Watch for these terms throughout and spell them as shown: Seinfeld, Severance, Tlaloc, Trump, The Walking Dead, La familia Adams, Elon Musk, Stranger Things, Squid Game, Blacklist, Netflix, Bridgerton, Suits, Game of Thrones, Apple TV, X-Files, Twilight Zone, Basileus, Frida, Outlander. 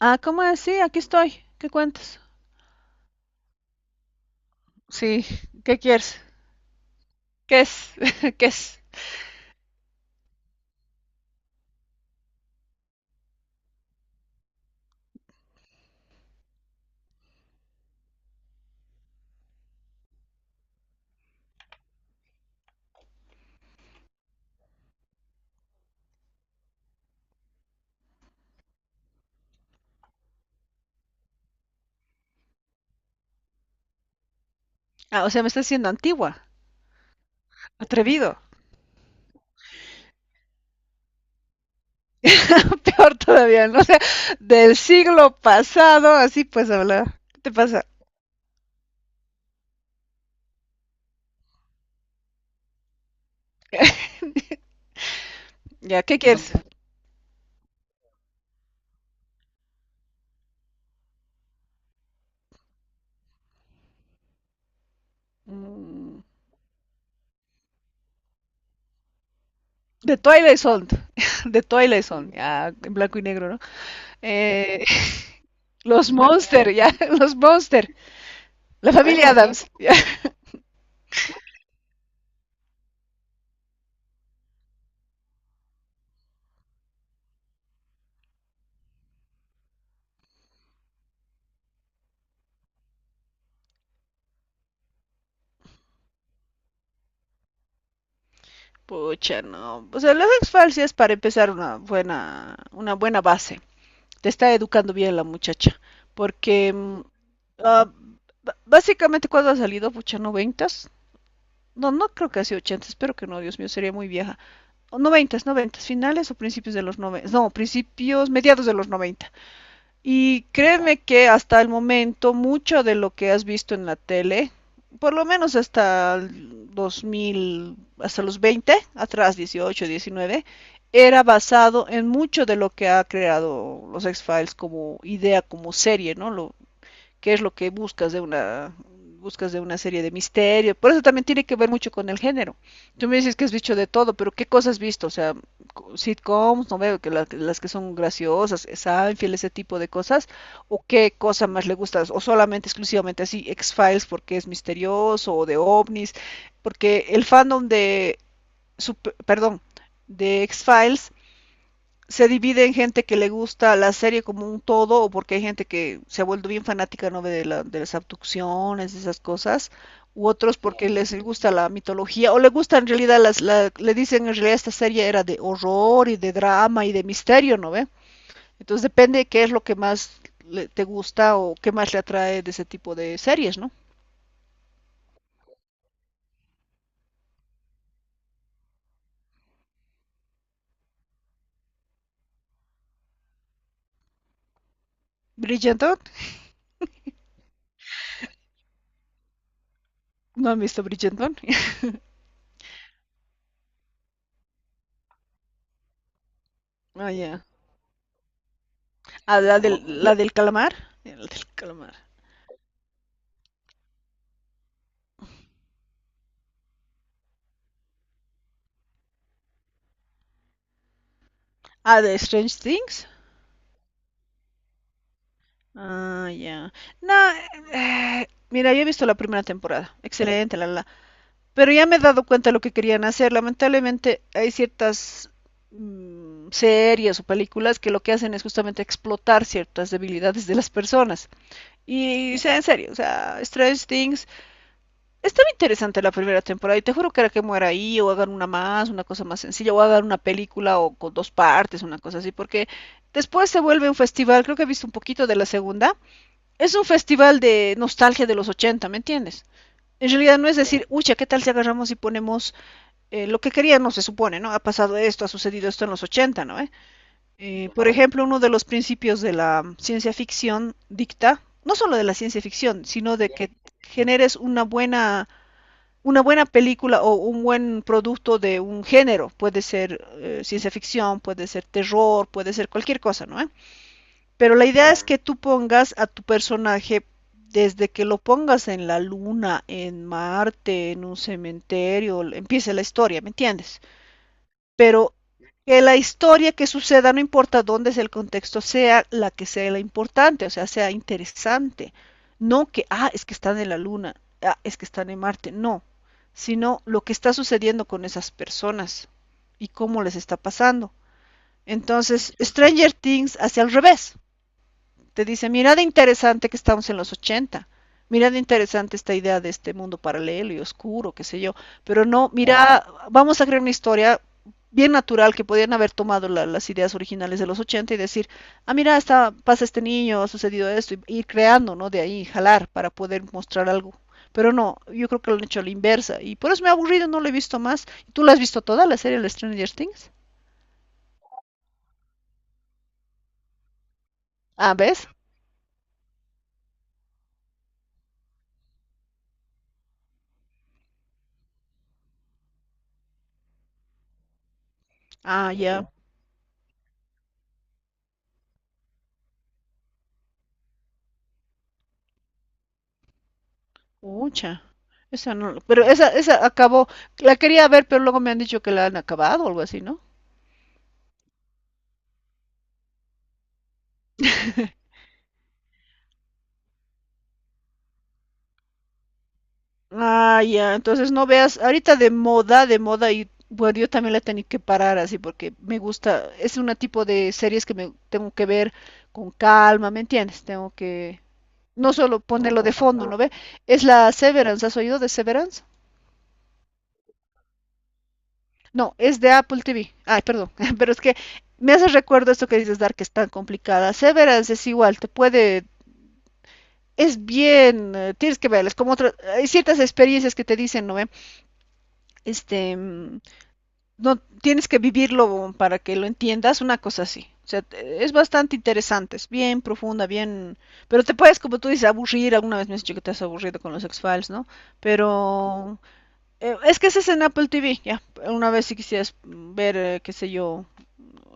Ah, ¿cómo es? Sí, aquí estoy. ¿Qué cuentas? Sí, ¿qué quieres? ¿Qué es? ¿Qué es? Ah, o sea, me estás diciendo antigua. Atrevido. Peor todavía, ¿no? O sea, del siglo pasado, así pues hablar. ¿Qué te pasa? Ya, ¿qué quieres? Mm, De Twilight Zone. De Twilight Zone, ya, en blanco y negro, ¿no? Eh, los Monster, ya, los Monster. La familia Adams. Ya. Pucha, no. O sea, las exfalcias para empezar una buena base. Te está educando bien la muchacha. Porque ah, básicamente cuando ha salido, pucha, noventas. No, no creo que ha sido ochentas, espero que no, Dios mío, sería muy vieja. O noventas, noventas, finales o principios de los noventas. No, principios, mediados de los noventa. Y créeme que hasta el momento mucho de lo que has visto en la tele, por lo menos hasta el 2000, hasta los 20, atrás 18, 19, era basado en mucho de lo que ha creado los X-Files como idea, como serie, ¿no? Lo, qué es lo que buscas de una serie de misterio. Por eso también tiene que ver mucho con el género. Tú me dices que has visto de todo, pero ¿qué cosas has visto? O sea, sitcoms, no veo que las que son graciosas, Seinfeld, ese tipo de cosas. ¿O qué cosa más le gustas? O solamente, exclusivamente así, X-Files porque es misterioso, o de ovnis. Porque el fandom de, perdón, de X-Files se divide en gente que le gusta la serie como un todo, o porque hay gente que se ha vuelto bien fanática, ¿no?, de, de las abducciones, de esas cosas, u otros porque les gusta la mitología, o le gusta en realidad, las, le dicen en realidad esta serie era de horror y de drama y de misterio, ¿no ve? Entonces depende de qué es lo que más te gusta o qué más le atrae de ese tipo de series, ¿no? Bridgerton, ¿no han visto Bridgerton? Ah, ya. Ah, la del calamar. La del calamar. Ah, de Strange Things. Ah, ya. No, mira, yo he visto la primera temporada. Excelente, la. Pero ya me he dado cuenta de lo que querían hacer. Lamentablemente hay ciertas series o películas que lo que hacen es justamente explotar ciertas debilidades de las personas. Y, o sea, en serio, o sea, Stranger Things. Estaba interesante la primera temporada y te juro que era que muera ahí o hagan una más, una cosa más sencilla, o hagan una película o con dos partes, una cosa así, porque después se vuelve un festival. Creo que he visto un poquito de la segunda, es un festival de nostalgia de los 80, ¿me entiendes? En realidad no es decir, ucha, ¿qué tal si agarramos y ponemos lo que queríamos, se supone, ¿no? Ha pasado esto, ha sucedido esto en los 80, ¿no? ¿Eh? Por ejemplo, uno de los principios de la ciencia ficción dicta, no solo de la ciencia ficción, sino de que generes una buena película o un buen producto de un género. Puede ser ciencia ficción, puede ser terror, puede ser cualquier cosa, ¿no? ¿Eh? Pero la idea es que tú pongas a tu personaje desde que lo pongas en la luna, en Marte, en un cementerio, empiece la historia, ¿me entiendes? Pero que la historia que suceda, no importa dónde es el contexto, sea la que sea la importante, o sea, sea interesante. No que, ah, es que están en la luna, ah, es que están en Marte, no, sino lo que está sucediendo con esas personas y cómo les está pasando. Entonces, Stranger Things hacia el revés. Te dice, mira de interesante que estamos en los 80. Mira de interesante esta idea de este mundo paralelo y oscuro, qué sé yo. Pero no, mira, vamos a crear una historia bien natural que podían haber tomado las ideas originales de los 80 y decir, ah, mira, está, pasa este niño, ha sucedido esto, y ir creando, ¿no? De ahí, jalar para poder mostrar algo. Pero no, yo creo que lo han hecho a la inversa. Y por eso me ha aburrido, no lo he visto más. ¿Tú la has visto toda la serie, la Stranger Things? Ah, ¿ves? Ah, ya. Pucha, esa no, pero esa acabó, la quería ver, pero luego me han dicho que la han acabado o algo así, ¿no? Ah, ya, entonces no veas, ahorita de moda, y bueno, yo también la he tenido que parar así porque me gusta, es un tipo de series que me tengo que ver con calma, ¿me entiendes? Tengo que, no solo ponerlo de fondo, ¿no ve? Es la Severance, ¿has oído de Severance? No, es de Apple TV. Ay, perdón, pero es que me hace recuerdo esto que dices, Dar, que es tan complicada. Severance es igual, te puede, es bien, tienes que verles, como otras, hay ciertas experiencias que te dicen, ¿no? Este, no, tienes que vivirlo para que lo entiendas, una cosa así. O sea, es bastante interesante, es bien profunda, bien, pero te puedes, como tú dices, aburrir, alguna vez me has dicho que te has aburrido con los X-Files, ¿no? Pero es que ese es en Apple TV, ya, una vez si quisieras ver, qué sé yo,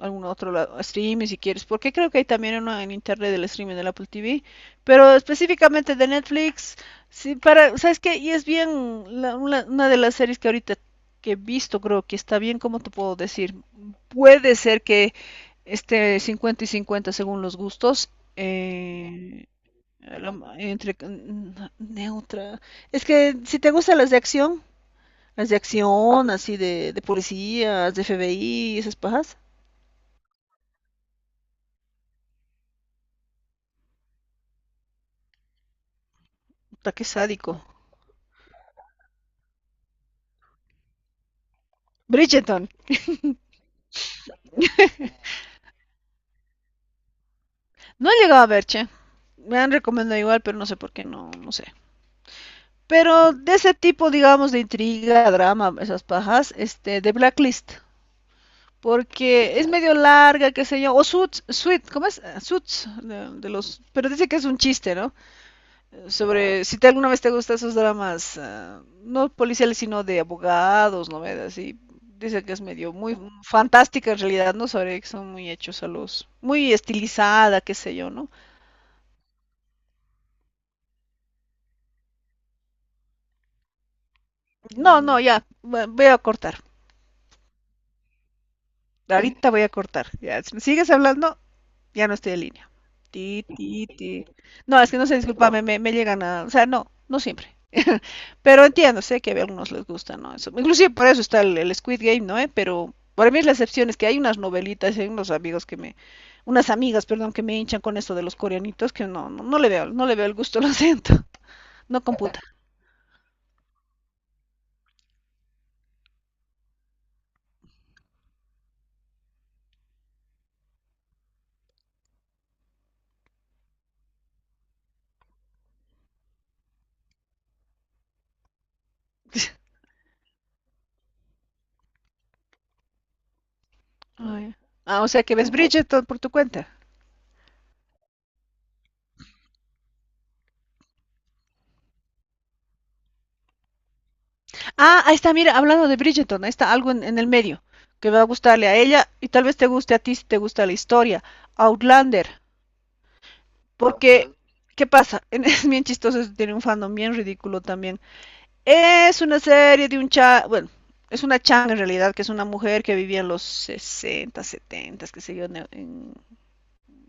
algún otro lado, streaming si quieres, porque creo que hay también uno en internet del streaming del Apple TV, pero específicamente de Netflix, sí, para, ¿sabes qué? Y es bien una de las series que ahorita que he visto, creo que está bien, ¿cómo te puedo decir? Puede ser que esté 50 y 50 según los gustos, eh, la entre neutra. Es que si te gustan las de acción, así de policías, de FBI, esas pajas. Puta, qué sádico. Bridgerton, no he llegado a ver, che. Me han recomendado igual, pero no sé por qué, no, no sé. Pero de ese tipo, digamos, de intriga, drama, esas pajas, este, de Blacklist. Porque es medio larga, qué sé yo. O Suits, Suits, ¿cómo es? Ah, Suits, de los... Pero dice que es un chiste, ¿no? Sobre si te alguna vez te gustan esos dramas, ah, no policiales, sino de abogados, novelas, y dice que es medio muy fantástica en realidad, ¿no? Sobre que son muy hechos a los, muy estilizada, qué sé yo, ¿no? No, no, ya, voy a cortar. Ahorita voy a cortar. Ya, si me sigues hablando, ya no estoy en línea. Ti, ti, ti. No, es que no sé, discúlpame, me llegan a... O sea, no, no siempre. Pero entiendo, sé que a algunos les gusta, ¿no? Eso. Inclusive por eso está el Squid Game, ¿no? ¿Eh? Pero para mí es la excepción, es que hay unas novelitas, hay unos amigos que me... Unas amigas, perdón, que me hinchan con esto de los coreanitos, que no, no, no le veo, no le veo el gusto, lo siento. No computa. Ay. Ah, o sea que ves Bridgerton por tu cuenta. Ah, ahí está, mira, hablando de Bridgerton, ahí está algo en el medio que va a gustarle a ella y tal vez te guste a ti si te gusta la historia. Outlander, porque, ¿qué pasa? Es bien chistoso, eso tiene un fandom bien ridículo también. Es una serie de un cha, bueno, es una changa en realidad, que es una mujer que vivía en los 60, 70, qué sé yo, en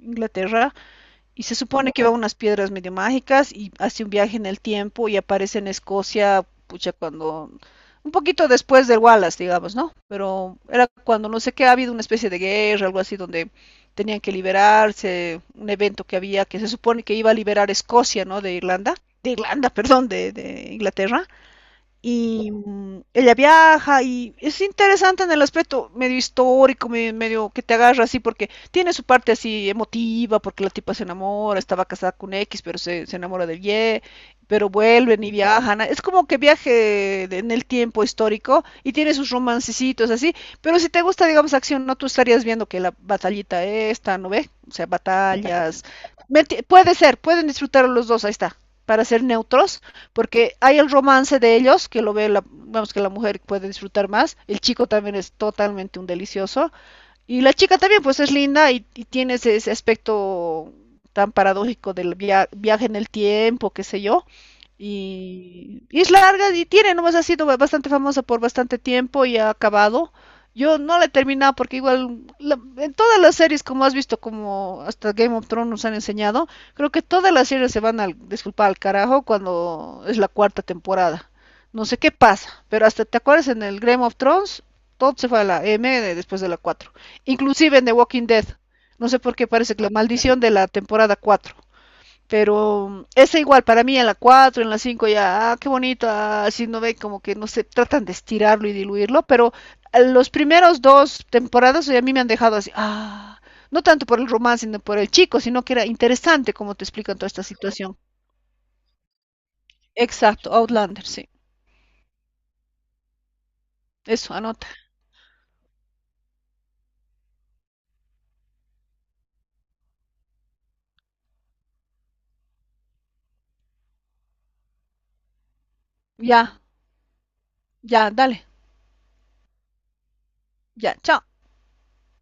Inglaterra y se supone que va a unas piedras medio mágicas y hace un viaje en el tiempo y aparece en Escocia, pucha, cuando... Un poquito después del Wallace, digamos, ¿no? Pero era cuando no sé qué, ha habido una especie de guerra, algo así, donde tenían que liberarse, un evento que había que se supone que iba a liberar Escocia, ¿no? De Irlanda, perdón, de Inglaterra. Y ella viaja y es interesante en el aspecto medio histórico, medio que te agarra así, porque tiene su parte así emotiva, porque la tipa se enamora, estaba casada con X, pero se enamora del Y, pero vuelven y viajan. Es como que viaje en el tiempo histórico y tiene sus romancecitos así, pero si te gusta, digamos, acción, no tú estarías viendo que la batallita esta, ¿no ve? O sea, batallas. Puede ser, pueden disfrutar los dos, ahí está, para ser neutros porque hay el romance de ellos, que lo ve, la, vamos, que la mujer puede disfrutar más, el chico también es totalmente un delicioso, y la chica también, pues es linda y tiene ese, ese aspecto tan paradójico del viaje en el tiempo, qué sé yo. Y es larga y tiene, nomás ha sido bastante famosa por bastante tiempo y ha acabado. Yo no la he terminado porque igual en todas las series, como has visto, como hasta Game of Thrones nos han enseñado, creo que todas las series se van al, disculpa, al carajo cuando es la cuarta temporada. No sé qué pasa, pero hasta te acuerdas en el Game of Thrones, todo se fue a la M después de la 4 inclusive en The Walking Dead. No sé por qué parece que la maldición de la temporada cuatro, pero esa igual, para mí en la 4 en la 5 ya, ah, qué bonito, ah, así no ve como que no se tratan de estirarlo y diluirlo, pero los primeros dos temporadas o sea, a mí me han dejado así, ah, no tanto por el romance, sino por el chico, sino que era interesante como te explican toda esta situación. Exacto, Outlander, sí. Eso, anota. Ya, ya, dale. Ya, chao.